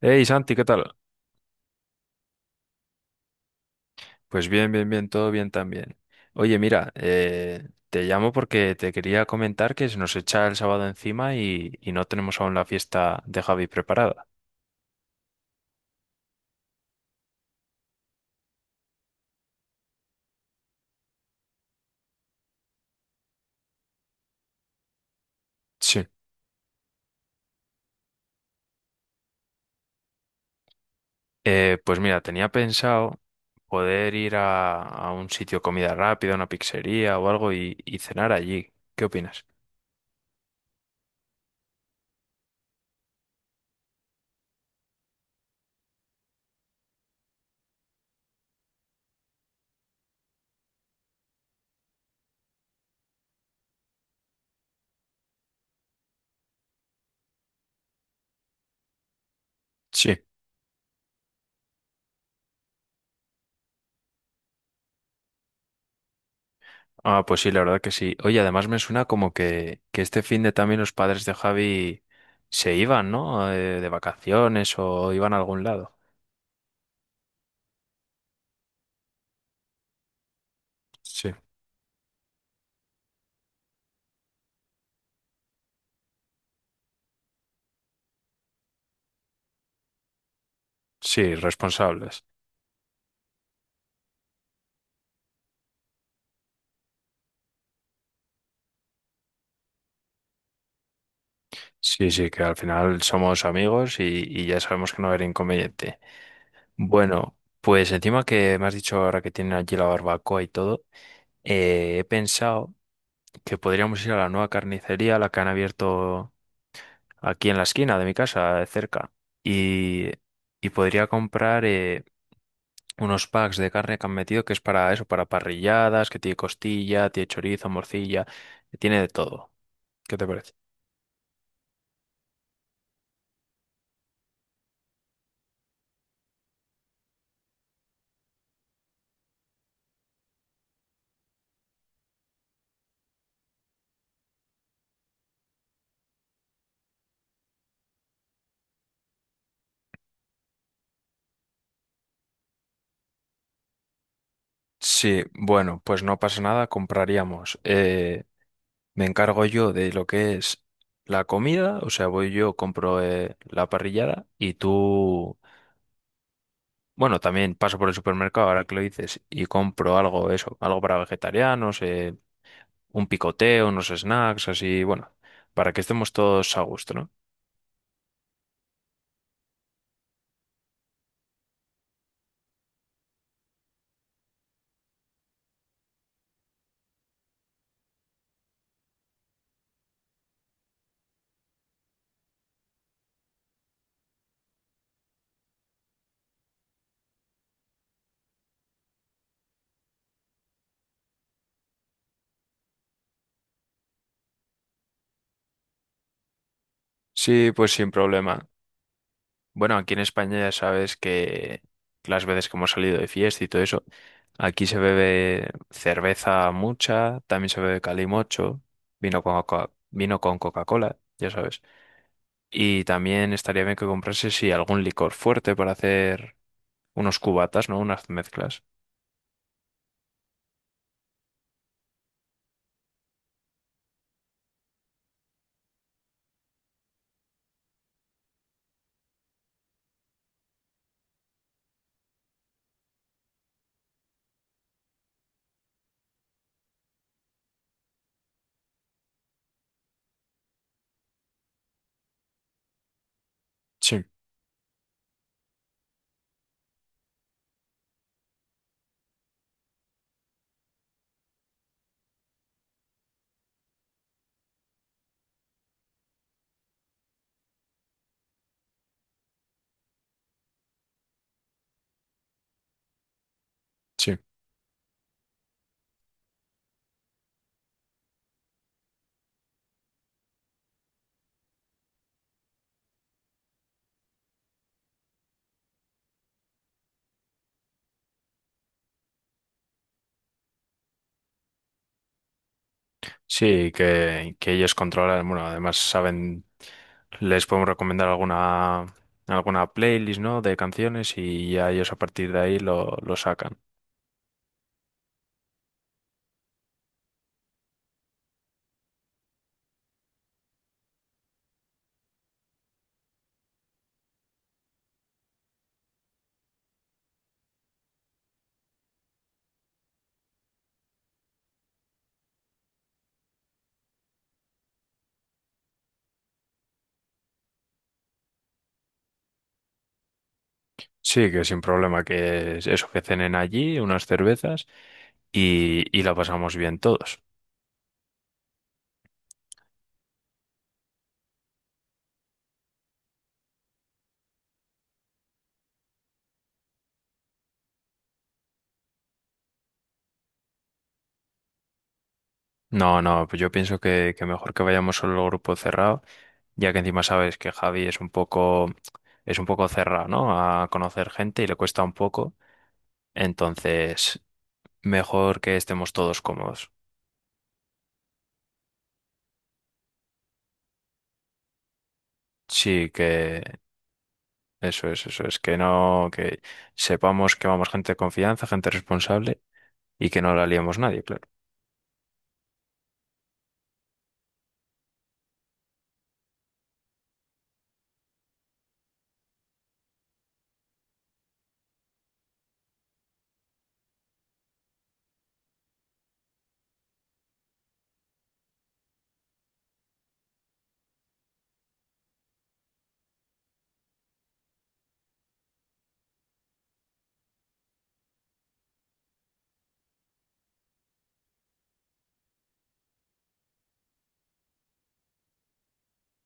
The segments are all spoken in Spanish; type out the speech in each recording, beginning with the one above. Hey Santi, ¿qué tal? Pues bien, bien, bien, todo bien también. Oye, mira, te llamo porque te quería comentar que se nos echa el sábado encima y no tenemos aún la fiesta de Javi preparada. Sí. Pues mira, tenía pensado poder ir a un sitio de comida rápida, una pizzería o algo y cenar allí. ¿Qué opinas? Sí. Ah, pues sí, la verdad que sí. Oye, además me suena como que este fin de también los padres de Javi se iban, ¿no? De vacaciones o iban a algún lado. Sí. Sí, responsables. Sí, sí, que al final somos amigos y ya sabemos que no va a haber inconveniente. Bueno, pues encima que me has dicho ahora que tienen allí la barbacoa y todo, he pensado que podríamos ir a la nueva carnicería, la que han abierto aquí en la esquina de mi casa, de cerca, y, y podría comprar unos packs de carne que han metido que es para eso, para parrilladas, que tiene costilla, tiene chorizo, morcilla, tiene de todo. ¿Qué te parece? Sí, bueno, pues no pasa nada, compraríamos. Me encargo yo de lo que es la comida, o sea, voy yo, compro la parrillada y tú, bueno, también paso por el supermercado, ahora que lo dices, y compro algo, eso, algo para vegetarianos, un picoteo, unos snacks, así, bueno, para que estemos todos a gusto, ¿no? Sí, pues sin problema. Bueno, aquí en España ya sabes que las veces que hemos salido de fiesta y todo eso, aquí se bebe cerveza mucha, también se bebe calimocho, vino con Coca-Cola, ya sabes. Y también estaría bien que comprase sí, algún licor fuerte para hacer unos cubatas, ¿no? Unas mezclas. Sí, sí. Sí, que ellos controlan, bueno, además saben, les podemos recomendar alguna playlist, ¿no? De canciones y ya ellos a partir de ahí lo sacan. Sí, que sin problema, que es eso, que cenen allí, unas cervezas y la pasamos bien todos. No, no, pues yo pienso que mejor que vayamos solo el grupo cerrado, ya que encima sabes que Javi es un poco cerrado, ¿no? A conocer gente y le cuesta un poco. Entonces, mejor que estemos todos cómodos. Sí, que eso es, que no, que sepamos que vamos gente de confianza, gente responsable y que no la liemos nadie, claro.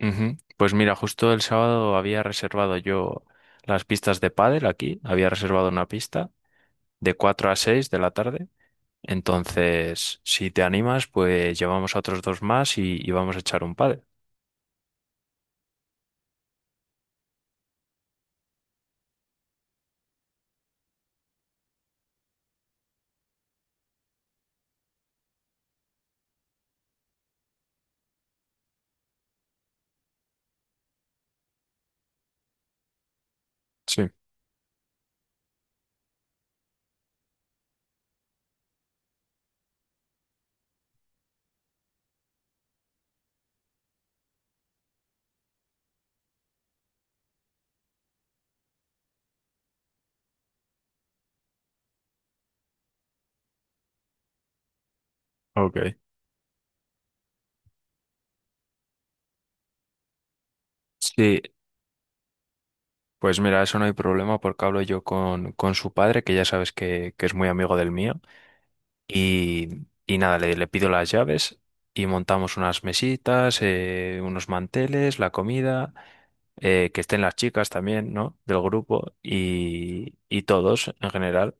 Ujú. Pues mira, justo el sábado había reservado yo las pistas de pádel aquí, había reservado una pista de 4 a 6 de la tarde. Entonces, si te animas, pues llevamos a otros dos más y vamos a echar un pádel. Sí, ok. Sí, pues mira, eso no hay problema porque hablo yo con su padre, que ya sabes que es muy amigo del mío. Y nada, le pido las llaves y montamos unas mesitas, unos manteles, la comida, que estén las chicas también, ¿no? Del grupo y todos en general.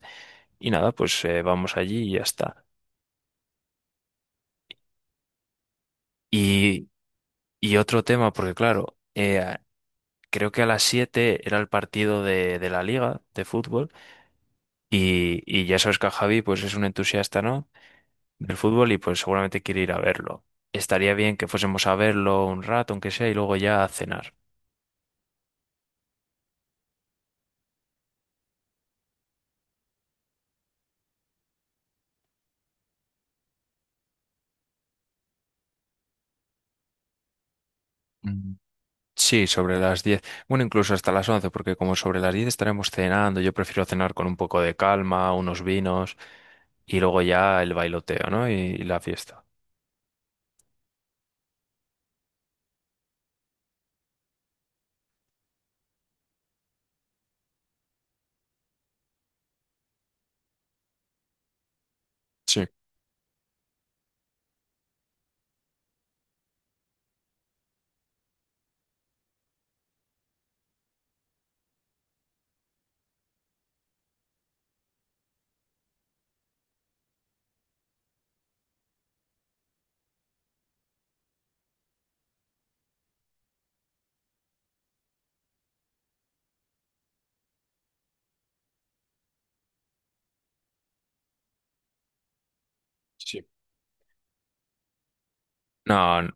Y nada, pues vamos allí y ya está. Y, y otro tema, porque claro, creo que a las 7 era el partido de la liga de fútbol y ya sabes que a Javi pues es un entusiasta, ¿no? Del fútbol y pues seguramente quiere ir a verlo. Estaría bien que fuésemos a verlo un rato, aunque sea, y luego ya a cenar. Mm, sí, sobre las 10. Bueno, incluso hasta las 11 porque como sobre las 10 estaremos cenando, yo prefiero cenar con un poco de calma, unos vinos y luego ya el bailoteo, ¿no? Y la fiesta. Sí, sí. No,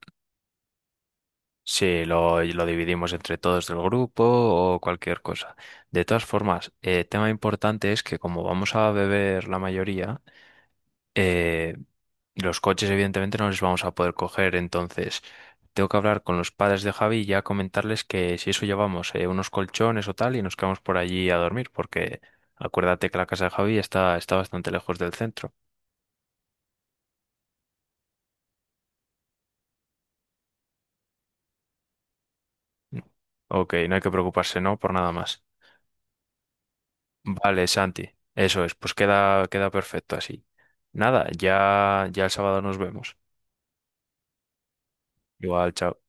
sí, lo dividimos entre todos del grupo o cualquier cosa. De todas formas, tema importante es que como vamos a beber la mayoría, eh, los coches evidentemente no les vamos a poder coger, entonces tengo que hablar con los padres de Javi y ya comentarles que si eso llevamos unos colchones o tal y nos quedamos por allí a dormir, porque acuérdate que la casa de Javi está bastante lejos del centro. Ok, no hay que preocuparse, ¿no? Por nada más. Vale, Santi, eso es, pues queda perfecto así. Nada, ya el sábado nos vemos. Igual, chao.